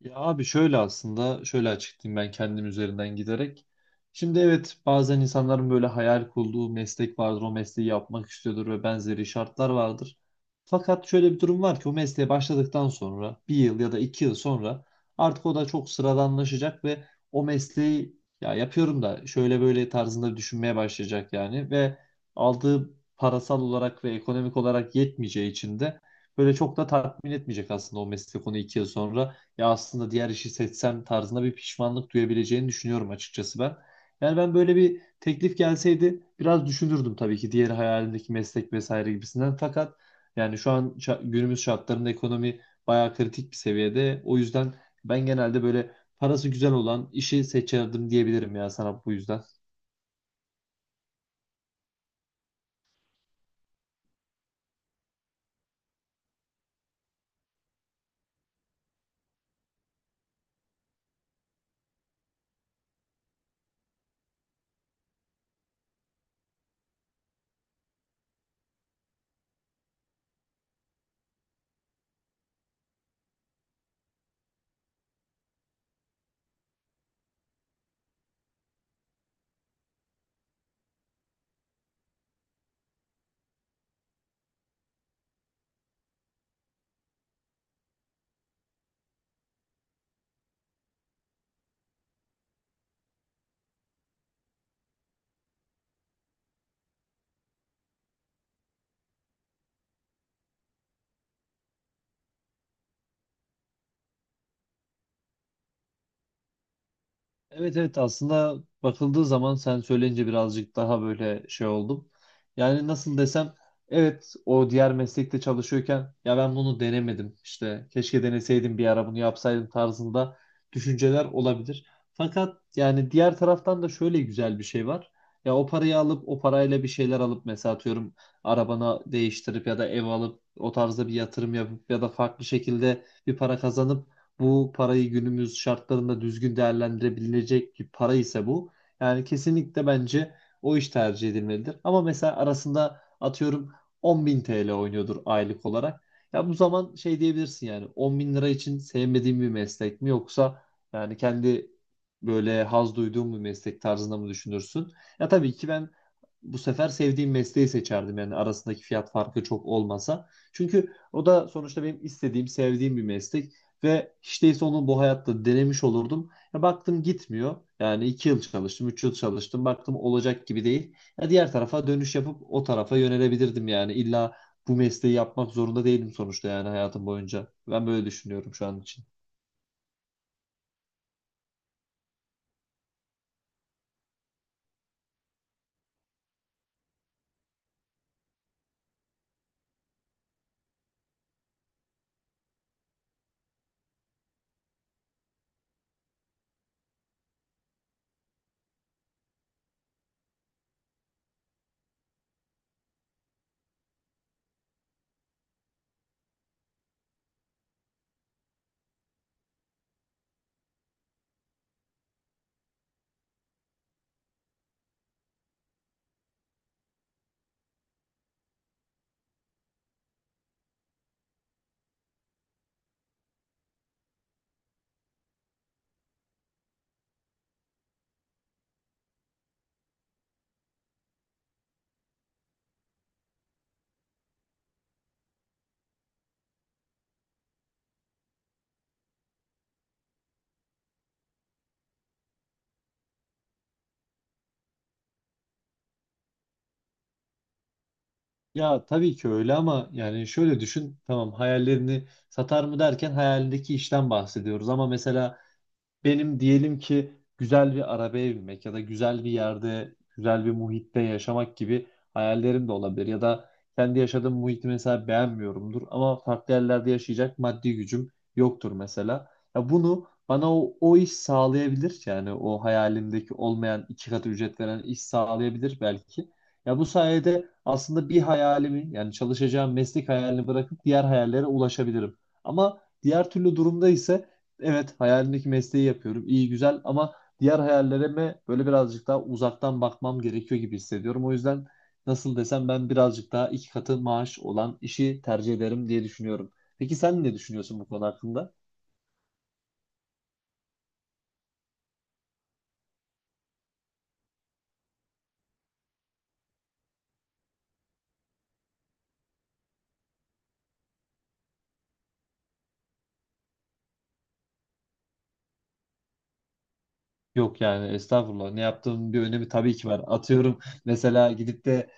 Ya abi, şöyle aslında şöyle açıklayayım ben kendim üzerinden giderek. Şimdi evet, bazen insanların böyle hayal kurduğu meslek vardır. O mesleği yapmak istiyordur ve benzeri şartlar vardır. Fakat şöyle bir durum var ki o mesleğe başladıktan sonra bir yıl ya da 2 yıl sonra artık o da çok sıradanlaşacak ve o mesleği ya yapıyorum da şöyle böyle tarzında düşünmeye başlayacak yani, ve aldığı parasal olarak ve ekonomik olarak yetmeyeceği için de böyle çok da tatmin etmeyecek aslında o meslek onu 2 yıl sonra ya aslında diğer işi seçsem tarzında bir pişmanlık duyabileceğini düşünüyorum açıkçası ben. Yani ben böyle bir teklif gelseydi biraz düşünürdüm, tabii ki diğer hayalimdeki meslek vesaire gibisinden. Fakat yani şu an günümüz şartlarında ekonomi bayağı kritik bir seviyede. O yüzden ben genelde böyle parası güzel olan işi seçerdim diyebilirim ya sana, bu yüzden. Evet evet, aslında bakıldığı zaman sen söyleyince birazcık daha böyle şey oldum. Yani nasıl desem, evet, o diğer meslekte çalışıyorken ya ben bunu denemedim işte, keşke deneseydim, bir ara bunu yapsaydım tarzında düşünceler olabilir. Fakat yani diğer taraftan da şöyle güzel bir şey var. Ya o parayı alıp o parayla bir şeyler alıp, mesela atıyorum arabana değiştirip ya da ev alıp o tarzda bir yatırım yapıp ya da farklı şekilde bir para kazanıp, bu parayı günümüz şartlarında düzgün değerlendirebilecek bir para ise bu. Yani kesinlikle bence o iş tercih edilmelidir. Ama mesela arasında atıyorum 10.000 TL oynuyordur aylık olarak. Ya bu zaman şey diyebilirsin, yani 10 bin lira için sevmediğim bir meslek mi, yoksa yani kendi böyle haz duyduğum bir meslek tarzında mı düşünürsün? Ya tabii ki ben bu sefer sevdiğim mesleği seçerdim, yani arasındaki fiyat farkı çok olmasa. Çünkü o da sonuçta benim istediğim, sevdiğim bir meslek. Ve hiç değilse onu bu hayatta denemiş olurdum. Ya baktım gitmiyor. Yani iki yıl çalıştım, 3 yıl çalıştım. Baktım olacak gibi değil. Ya diğer tarafa dönüş yapıp o tarafa yönelebilirdim yani. İlla bu mesleği yapmak zorunda değilim sonuçta, yani hayatım boyunca. Ben böyle düşünüyorum şu an için. Ya tabii ki öyle, ama yani şöyle düşün. Tamam, hayallerini satar mı derken hayalindeki işten bahsediyoruz. Ama mesela benim diyelim ki güzel bir arabaya binmek ya da güzel bir yerde, güzel bir muhitte yaşamak gibi hayallerim de olabilir. Ya da kendi yaşadığım muhiti mesela beğenmiyorumdur ama farklı yerlerde yaşayacak maddi gücüm yoktur mesela. Ya bunu bana o iş sağlayabilir. Yani o hayalimdeki olmayan iki katı ücret veren iş sağlayabilir belki. Ya bu sayede aslında bir hayalimi, yani çalışacağım meslek hayalini bırakıp diğer hayallere ulaşabilirim. Ama diğer türlü durumda ise evet, hayalindeki mesleği yapıyorum. İyi güzel, ama diğer hayallerime böyle birazcık daha uzaktan bakmam gerekiyor gibi hissediyorum. O yüzden nasıl desem, ben birazcık daha iki katı maaş olan işi tercih ederim diye düşünüyorum. Peki sen ne düşünüyorsun bu konu hakkında? Yok yani, estağfurullah, ne yaptığımın bir önemi tabii ki var. Atıyorum, mesela gidip de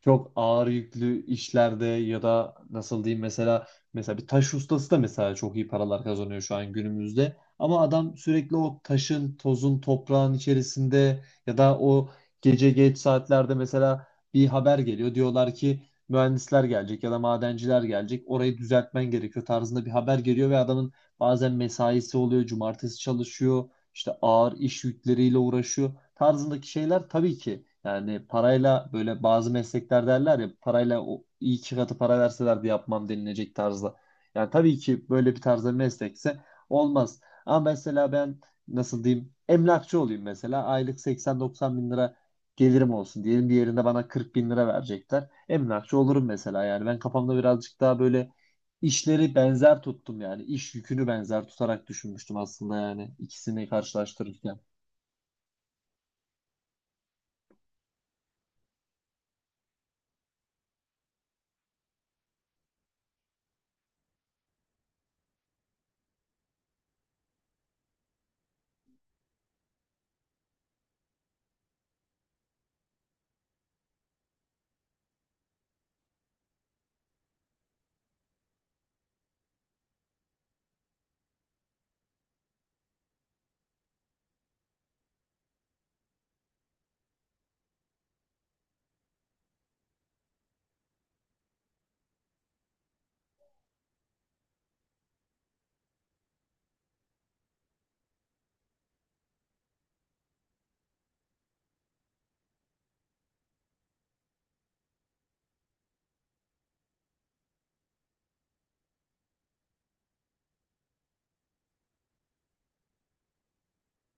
çok ağır yüklü işlerde ya da nasıl diyeyim, mesela bir taş ustası da mesela çok iyi paralar kazanıyor şu an günümüzde. Ama adam sürekli o taşın, tozun, toprağın içerisinde ya da o gece geç saatlerde mesela bir haber geliyor. Diyorlar ki mühendisler gelecek ya da madenciler gelecek. Orayı düzeltmen gerekiyor tarzında bir haber geliyor ve adamın bazen mesaisi oluyor, cumartesi çalışıyor, işte ağır iş yükleriyle uğraşıyor tarzındaki şeyler, tabii ki yani, parayla böyle bazı meslekler derler ya, parayla o iyi, iki katı para verselerdi yapmam denilecek tarzda. Yani tabii ki böyle bir tarzda meslekse olmaz. Ama mesela ben nasıl diyeyim, emlakçı olayım mesela, aylık 80-90 bin lira gelirim olsun diyelim, bir yerinde bana 40 bin lira verecekler. Emlakçı olurum mesela, yani ben kafamda birazcık daha böyle İşleri benzer tuttum yani. İş yükünü benzer tutarak düşünmüştüm aslında, yani ikisini karşılaştırırken.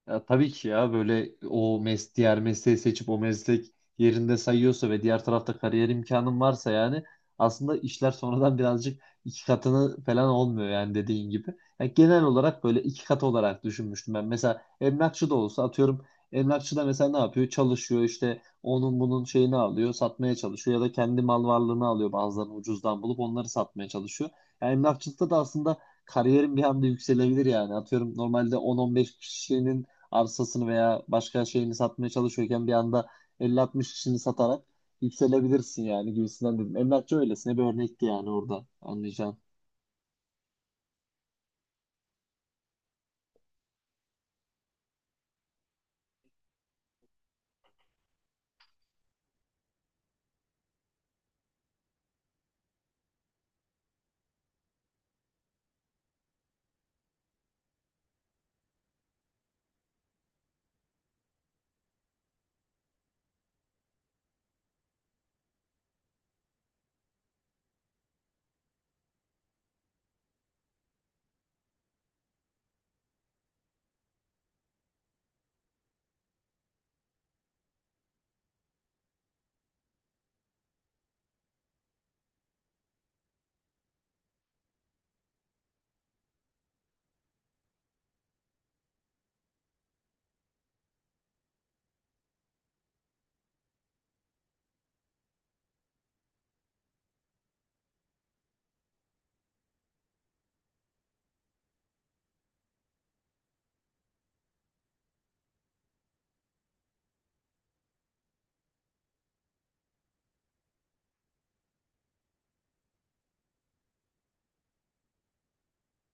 Ya tabii ki ya, böyle o diğer mesleği seçip o meslek yerinde sayıyorsa ve diğer tarafta kariyer imkanın varsa, yani aslında işler sonradan birazcık iki katını falan olmuyor yani, dediğin gibi. Yani genel olarak böyle iki katı olarak düşünmüştüm ben. Mesela emlakçı da olsa, atıyorum emlakçı da mesela ne yapıyor? Çalışıyor işte, onun bunun şeyini alıyor, satmaya çalışıyor ya da kendi mal varlığını alıyor, bazılarını ucuzdan bulup onları satmaya çalışıyor. Yani emlakçılıkta da aslında kariyerin bir anda yükselebilir yani. Atıyorum normalde 10-15 kişinin arsasını veya başka şeyini satmaya çalışıyorken bir anda 50-60 kişini satarak yükselebilirsin yani, gibisinden dedim. Emlakçı öylesine bir örnekti yani, orada anlayacağın.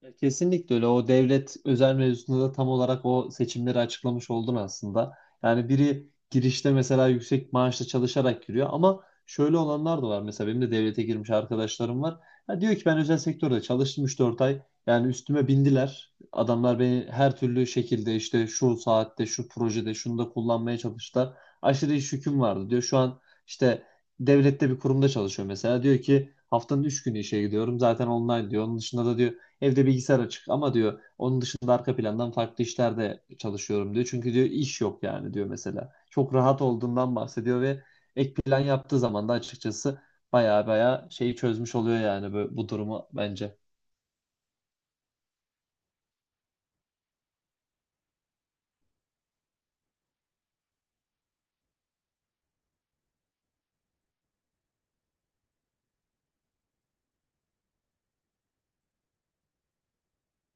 Ya kesinlikle öyle. O devlet özel mevzusunda da tam olarak o seçimleri açıklamış oldun aslında. Yani biri girişte mesela yüksek maaşla çalışarak giriyor, ama şöyle olanlar da var. Mesela benim de devlete girmiş arkadaşlarım var. Ha, diyor ki, ben özel sektörde çalıştım 3-4 ay. Yani üstüme bindiler. Adamlar beni her türlü şekilde, işte şu saatte, şu projede, şunda kullanmaya çalıştılar. Aşırı iş yüküm vardı diyor. Şu an işte devlette bir kurumda çalışıyor mesela. Diyor ki, haftanın 3 günü işe gidiyorum. Zaten online diyor. Onun dışında da diyor, evde bilgisayar açık ama diyor, onun dışında arka plandan farklı işlerde çalışıyorum diyor. Çünkü diyor iş yok yani, diyor mesela. Çok rahat olduğundan bahsediyor ve ek plan yaptığı zaman da açıkçası baya baya şeyi çözmüş oluyor yani bu durumu, bence.